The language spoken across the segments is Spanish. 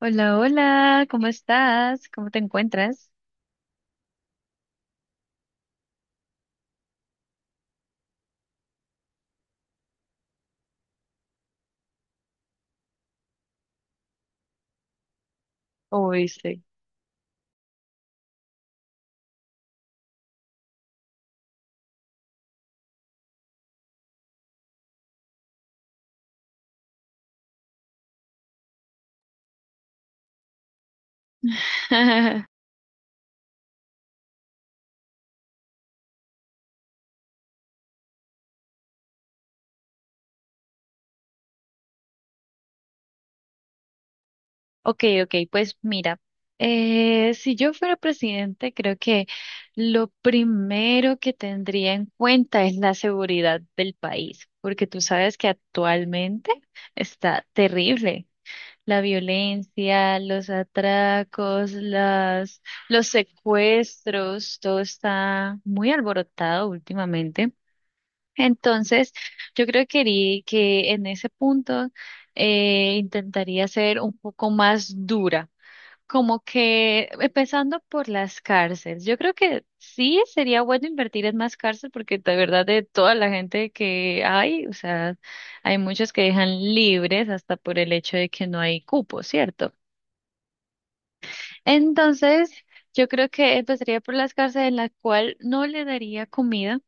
Hola, hola, ¿cómo estás? ¿Cómo te encuentras? ¿Cómo viste? Ok, ok, pues mira, si yo fuera presidente, creo que lo primero que tendría en cuenta es la seguridad del país, porque tú sabes que actualmente está terrible. La violencia, los atracos, los secuestros, todo está muy alborotado últimamente. Entonces, yo creo que, que en ese punto intentaría ser un poco más dura, como que empezando por las cárceles. Yo creo que sí sería bueno invertir en más cárceles porque de verdad de toda la gente que hay, o sea, hay muchos que dejan libres hasta por el hecho de que no hay cupo, ¿cierto? Entonces, yo creo que empezaría por las cárceles en las cual no le daría comida.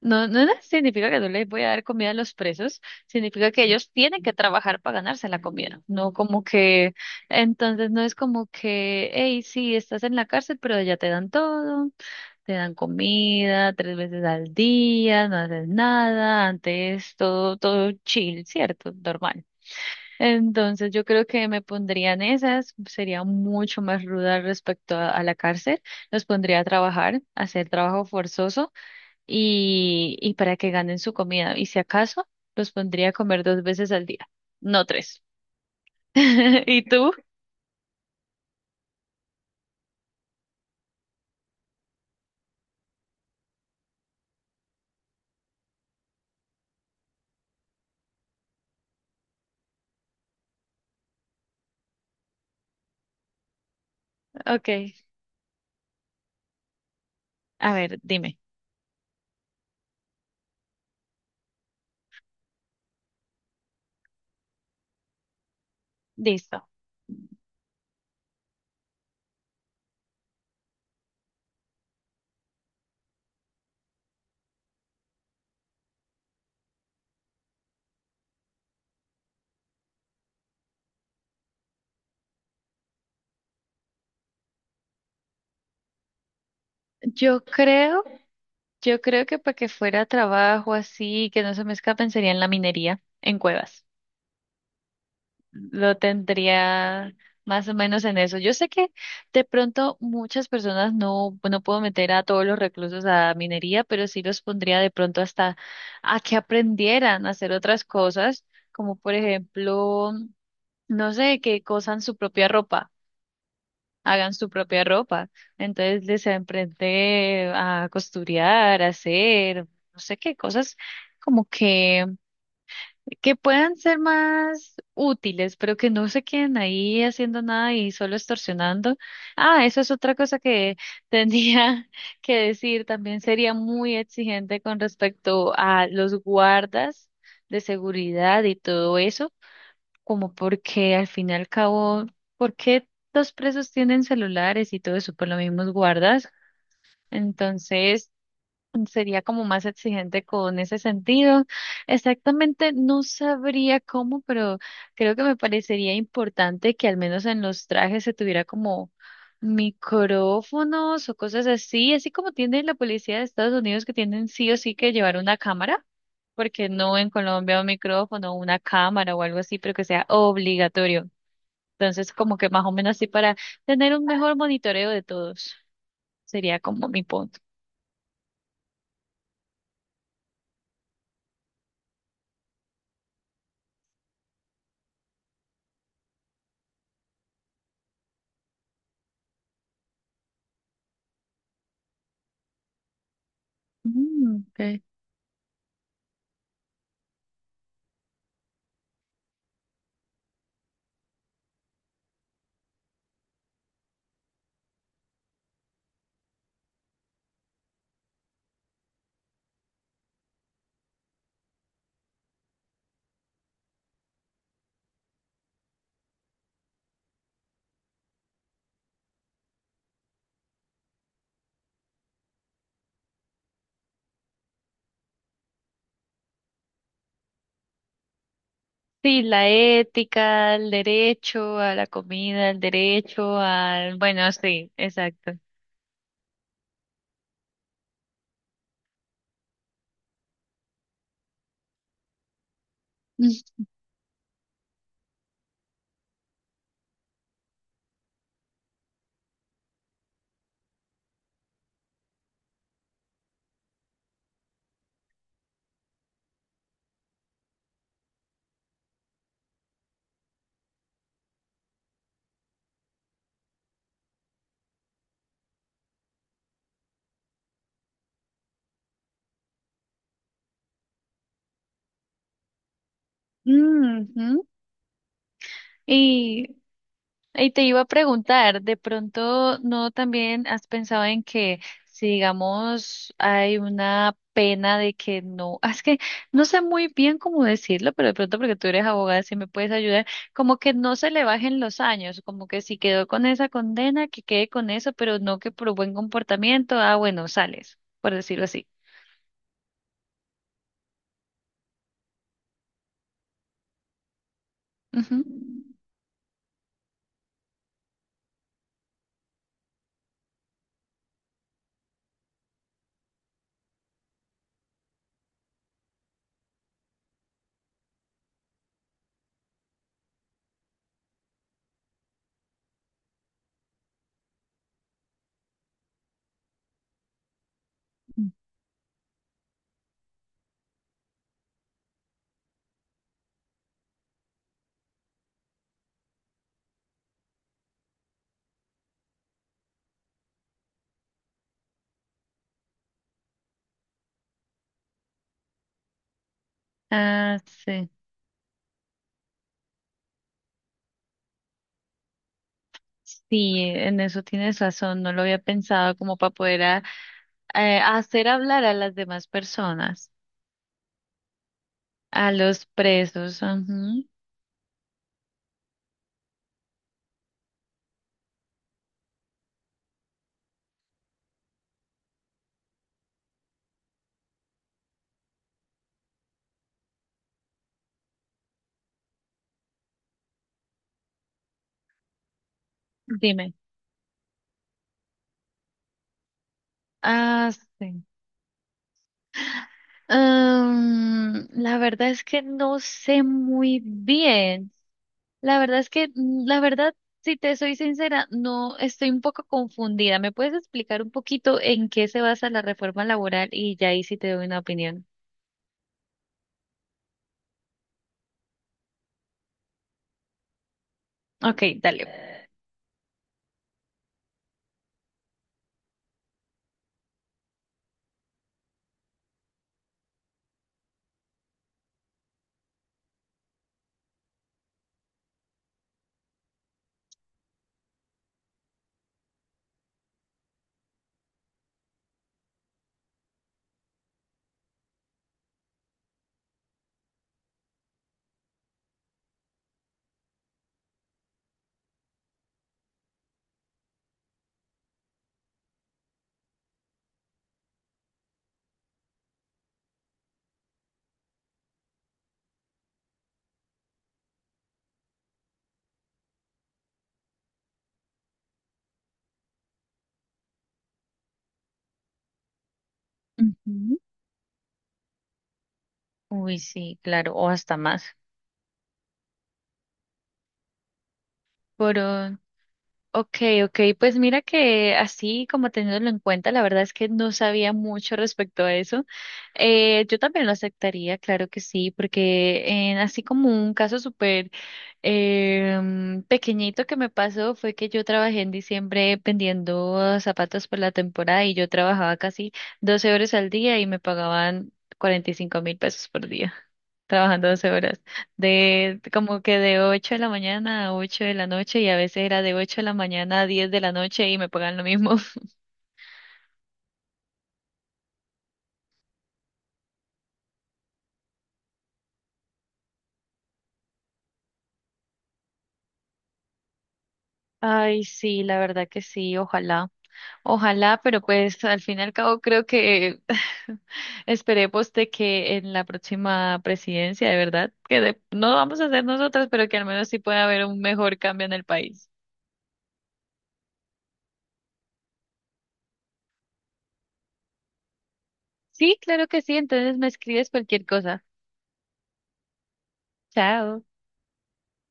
No, no significa que no les voy a dar comida a los presos, significa que ellos tienen que trabajar para ganarse la comida, no como que, entonces no es como que, hey, sí, estás en la cárcel, pero ya te dan todo, te dan comida 3 veces al día, no haces nada, antes todo, todo chill, ¿cierto? Normal. Entonces yo creo que me pondrían esas, sería mucho más ruda respecto a la cárcel, los pondría a trabajar, a hacer trabajo forzoso y para que ganen su comida. Y si acaso, los pondría a comer 2 veces al día, no tres. ¿Y tú? Ok, a ver, dime. Listo. Yo creo, yo creo que para que fuera trabajo así, que no se me escapen, sería en la minería, en cuevas. Lo tendría más o menos en eso. Yo sé que de pronto muchas personas no puedo meter a todos los reclusos a minería, pero sí los pondría de pronto hasta a que aprendieran a hacer otras cosas, como por ejemplo, no sé, que cosan su propia ropa. Hagan su propia ropa, entonces les aprende a costurar, a hacer, no sé qué cosas como que puedan ser más útiles, pero que no se queden ahí haciendo nada y solo extorsionando. Ah, eso es otra cosa que tenía que decir. También sería muy exigente con respecto a los guardas de seguridad y todo eso, como porque al fin y al cabo, ¿por qué los presos tienen celulares y todo eso? Por los mismos guardas. Entonces, sería como más exigente con ese sentido. Exactamente, no sabría cómo, pero creo que me parecería importante que al menos en los trajes se tuviera como micrófonos o cosas así, así como tiene la policía de Estados Unidos que tienen sí o sí que llevar una cámara, porque no en Colombia un micrófono, una cámara o algo así, pero que sea obligatorio. Entonces, como que más o menos así para tener un mejor monitoreo de todos, sería como mi punto. Mm, ok. Sí, la ética, el derecho a la comida, el derecho al... Bueno, sí, exacto. Ujú. Y y te iba a preguntar, ¿de pronto no también has pensado en que si digamos hay una pena de que no, ah, es que no sé muy bien cómo decirlo, pero de pronto porque tú eres abogada, si me puedes ayudar, como que no se le bajen los años, como que si quedó con esa condena, que quede con eso, pero no que por buen comportamiento, ah, bueno, sales, por decirlo así. Ujú. Ah, sí. Sí, en eso tienes razón, no lo había pensado como para poder hacer hablar a las demás personas, a los presos. Ujú. Dime. Ah, sí. Mm, la verdad es que no sé muy bien. La verdad es que, la verdad, si te soy sincera, no estoy un poco confundida. ¿Me puedes explicar un poquito en qué se basa la reforma laboral? Y ya ahí sí te doy una opinión. Ok, dale. Ujú. Uy, sí, claro, o hasta más. Okay, okay, pues mira que así como teniéndolo en cuenta, la verdad es que no sabía mucho respecto a eso. Yo también lo aceptaría, claro que sí, porque en así como un caso súper pequeñito que me pasó fue que yo trabajé en diciembre vendiendo zapatos por la temporada y yo trabajaba casi 12 horas al día y me pagaban 45.000 pesos por día, trabajando 12 horas de como que de 8 de la mañana a 8 de la noche y a veces era de 8 de la mañana a 10 de la noche y me pagan lo mismo. Ay, sí, la verdad que sí, ojalá. Ojalá, pero pues al fin y al cabo creo que esperemos de que en la próxima presidencia, de verdad, no vamos a hacer nosotras, pero que al menos sí pueda haber un mejor cambio en el país. Sí, claro que sí, entonces me escribes cualquier cosa. Chao.